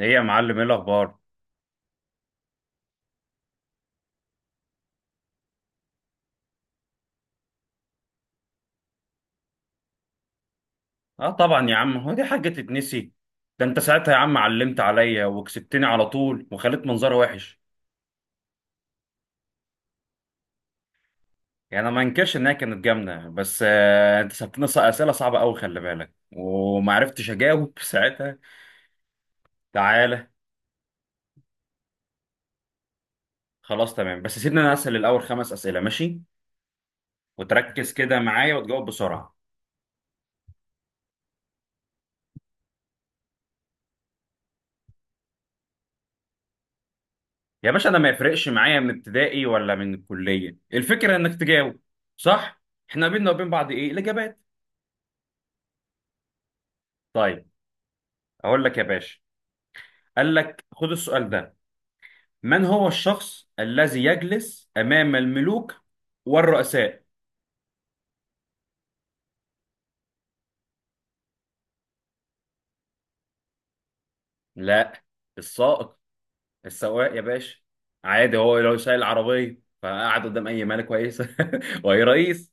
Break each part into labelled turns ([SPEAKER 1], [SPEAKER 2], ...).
[SPEAKER 1] ايه يا معلم، ايه الاخبار؟ اه طبعا يا عم، هو دي حاجه تتنسي؟ ده انت ساعتها يا عم علمت عليا وكسبتني على طول وخليت منظري وحش. يعني انا ما انكرش انها كانت جامده، بس انت سبتني اسئله صعبه قوي، خلي بالك، وما عرفتش اجاوب ساعتها. تعالى. خلاص تمام، بس سيبني انا اسال الاول، 5 اسئله ماشي؟ وتركز كده معايا وتجاوب بسرعه. يا باشا انا ما يفرقش معايا من ابتدائي ولا من الكليه، الفكره انك تجاوب صح. احنا بينا وبين بعض، ايه الاجابات؟ طيب اقول لك يا باشا، قال لك خد السؤال ده: من هو الشخص الذي يجلس أمام الملوك والرؤساء؟ لا، السائق، السواق يا باشا. عادي، هو لو سايق العربية فقعد قدام أي مالك كويسة وأي رئيس.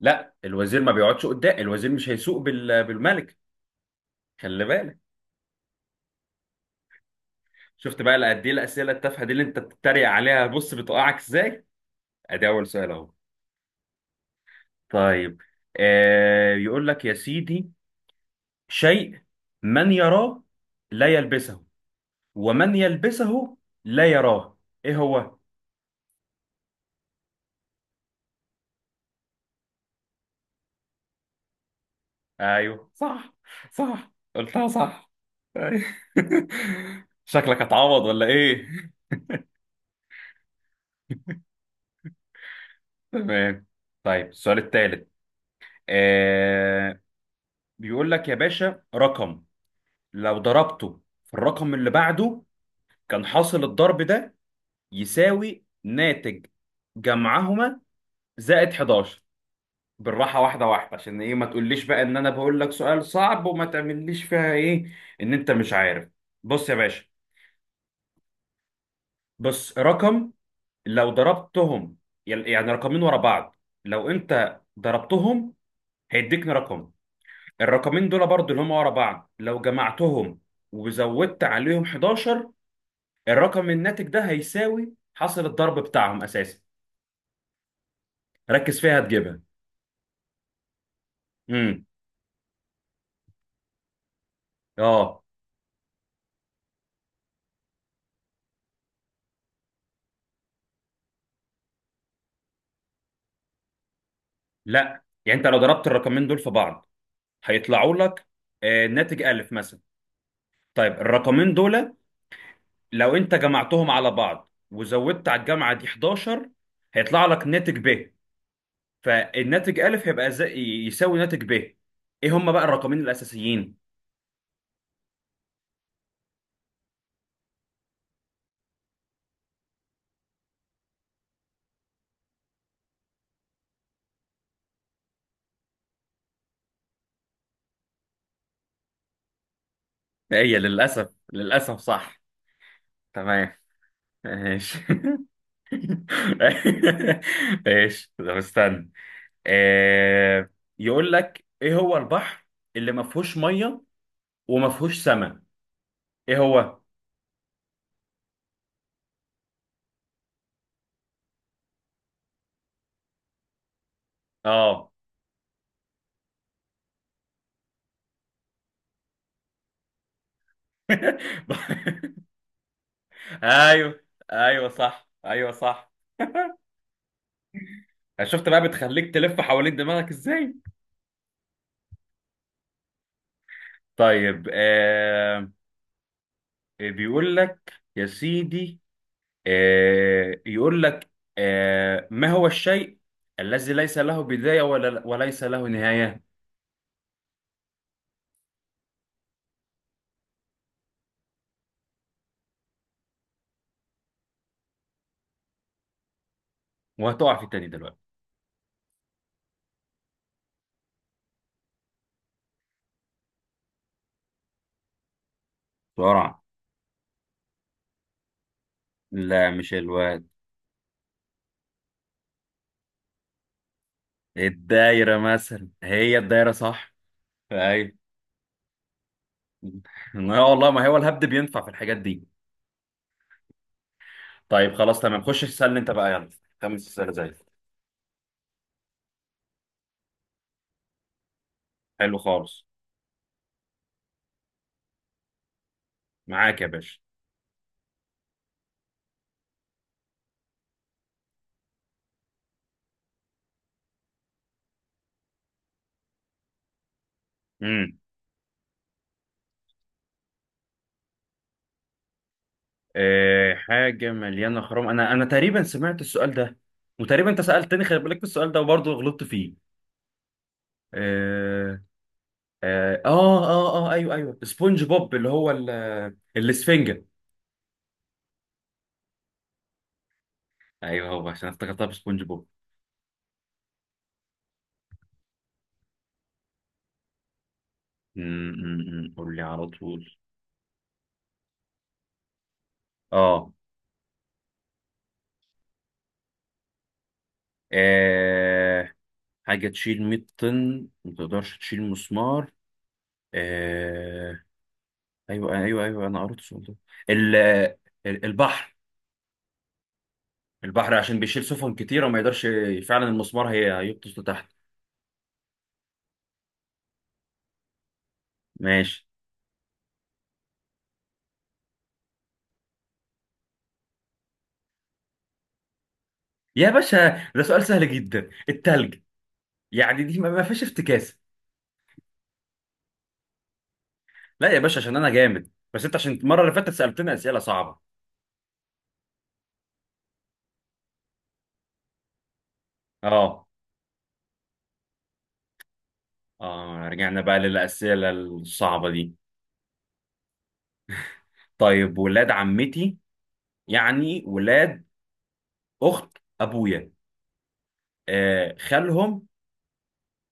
[SPEAKER 1] لا، الوزير ما بيقعدش قدام، الوزير مش هيسوق بالملك، خلي بالك. شفت بقى قد ايه الأسئلة التافهة دي اللي أنت بتتريق عليها، بص بتوقعك إزاي. أدي أول سؤال أهو. طيب، يقول لك يا سيدي: شيء من يراه لا يلبسه، ومن يلبسه لا يراه، ايه هو؟ ايوه صح، صح قلتها صح. أيوة. شكلك هتعوض ولا ايه؟ تمام، طيب السؤال الثالث، آه بيقول لك يا باشا: رقم لو ضربته في الرقم اللي بعده كان حاصل الضرب ده يساوي ناتج جمعهما زائد 11. بالراحة، واحدة واحدة، عشان ايه ما تقوليش بقى ان انا بقول لك سؤال صعب وما تعمليش فيها ايه، ان انت مش عارف. بص يا باشا، بص رقم لو ضربتهم، يعني رقمين ورا بعض، لو انت ضربتهم هيديكني رقم، الرقمين دول برضو اللي هم ورا بعض لو جمعتهم وزودت عليهم 11، الرقم الناتج ده هيساوي حاصل الضرب بتاعهم اساسا، ركز فيها هتجيبها. امم اه لا، يعني انت لو ضربت الرقمين دول في بعض هيطلعوا لك، ناتج 1000 مثلا. طيب الرقمين دول لو أنت جمعتهم على بعض وزودت على الجامعة دي 11 هيطلع لك ناتج ب، فالناتج ألف هيبقى زي، يساوي ناتج ب، إيه هما بقى الرقمين الأساسيين؟ إيه هي، للأسف للأسف صح. تمام، ماشي ماشي، طب استنى، آه، يقول لك: إيه هو البحر اللي ما فيهوش مية وما فيهوش سماء؟ إيه هو؟ آه. ايوه ايوه صح، ايوه صح. شفت بقى بتخليك تلف حوالين دماغك ازاي. طيب، بيقول لك يا سيدي، يقول لك، ما هو الشيء الذي ليس له بداية وليس له نهاية؟ وهتقع في التاني دلوقتي. بسرعة. لا، مش الواد. الدايرة مثلا، هي الدايرة صح. ايوه. ما هو والله، ما هو الهبد بينفع في الحاجات دي. طيب خلاص تمام، خش اسألني انت بقى، يلا. 5 اسئلة زي الفل. حلو خالص. معاك يا باشا. امم حاجة مليانة خرام، انا تقريبا سمعت السؤال ده، وتقريبا انت سألتني خلي بالك في السؤال ده وبرضه غلطت فيه. اه ايوه ايوه سبونج بوب، اللي هو الاسفنجة. ايوه هو عشان افتكرتها بسبونج بوب. أمم، أمم، أمم. قول لي على طول. اه آه، حاجة تشيل 100 طن ما تقدرش تشيل مسمار. آه ايوه ايوه ايوه انا قريت السؤال ده، ال- ال- البحر البحر عشان بيشيل سفن كتيرة وما يقدرش، فعلا المسمار هي هيغطس لتحت. ماشي يا باشا، ده سؤال سهل جدا، التلج. يعني دي ما فيهاش افتكاسة. لا يا باشا، عشان انا جامد، بس انت عشان المرة اللي فاتت سألتنا أسئلة صعبة. اه اه رجعنا بقى للأسئلة الصعبة دي. طيب ولاد عمتي يعني ولاد أخت أبويا، خالهم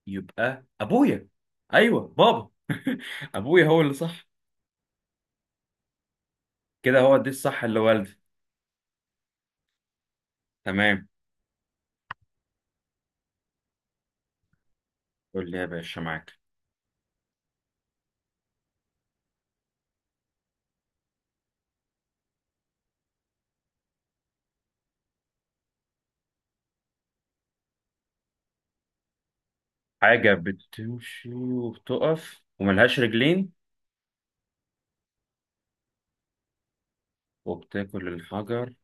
[SPEAKER 1] يبقى أبويا، أيوه بابا. أبويا هو اللي صح، كده هو دي الصح، اللي والدي. تمام، قول لي يا باشا، معاك. حاجة بتمشي وبتقف وملهاش رجلين وبتاكل الحجر.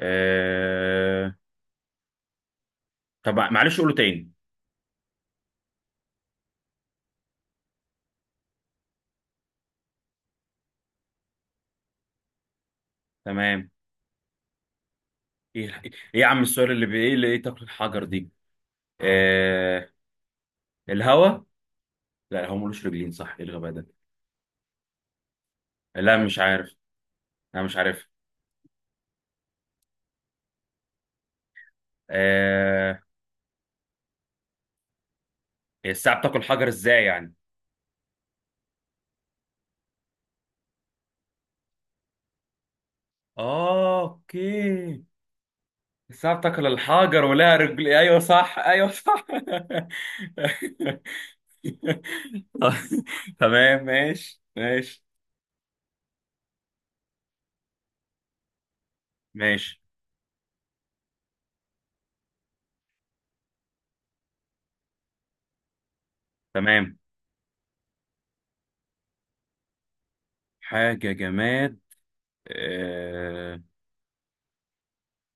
[SPEAKER 1] آه... طب معلش قوله تاني. تمام، ايه يا عم السؤال ايه تاكل الحجر دي. آه... الهوا. لا هو ملوش رجلين صح، ايه الغباء ده. لا مش عارف، انا مش عارف. آه... الساعة بتاكل حجر ازاي يعني؟ اه اوكي، الساعة بتاكل الحجر ولها رجل، ايوه صح، ايوه صح. تمام، ماشي ماشي ماشي. تمام، حاجة جماد. آه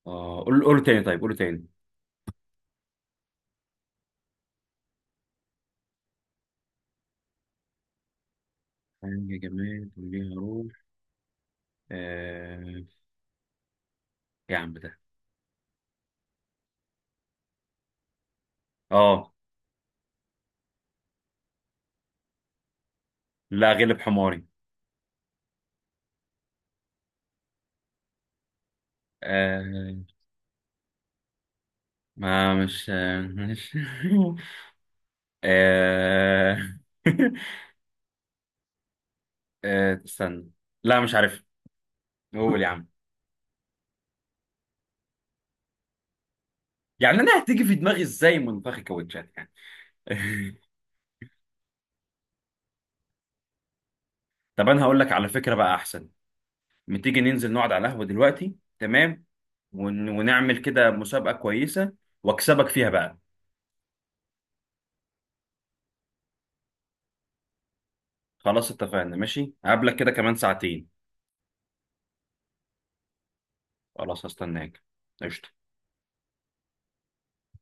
[SPEAKER 1] قول تاني، طيب قول تاني. حاجة جماد وليها روح. إيه؟ يا عم ده، اه لا، غلب حماري. آه ما مش. آه. استنى. لا مش عارف. قول يا عم. يعني انا هتيجي في دماغي ازاي منفخ كاوتشات يعني. طب انا هقول لك على فكرة بقى احسن، ما تيجي ننزل نقعد على القهوة دلوقتي، تمام؟ ونعمل كده مسابقة كويسة واكسبك فيها بقى. خلاص اتفقنا، ماشي، هقابلك كده كمان ساعتين. خلاص هستناك، قشطة.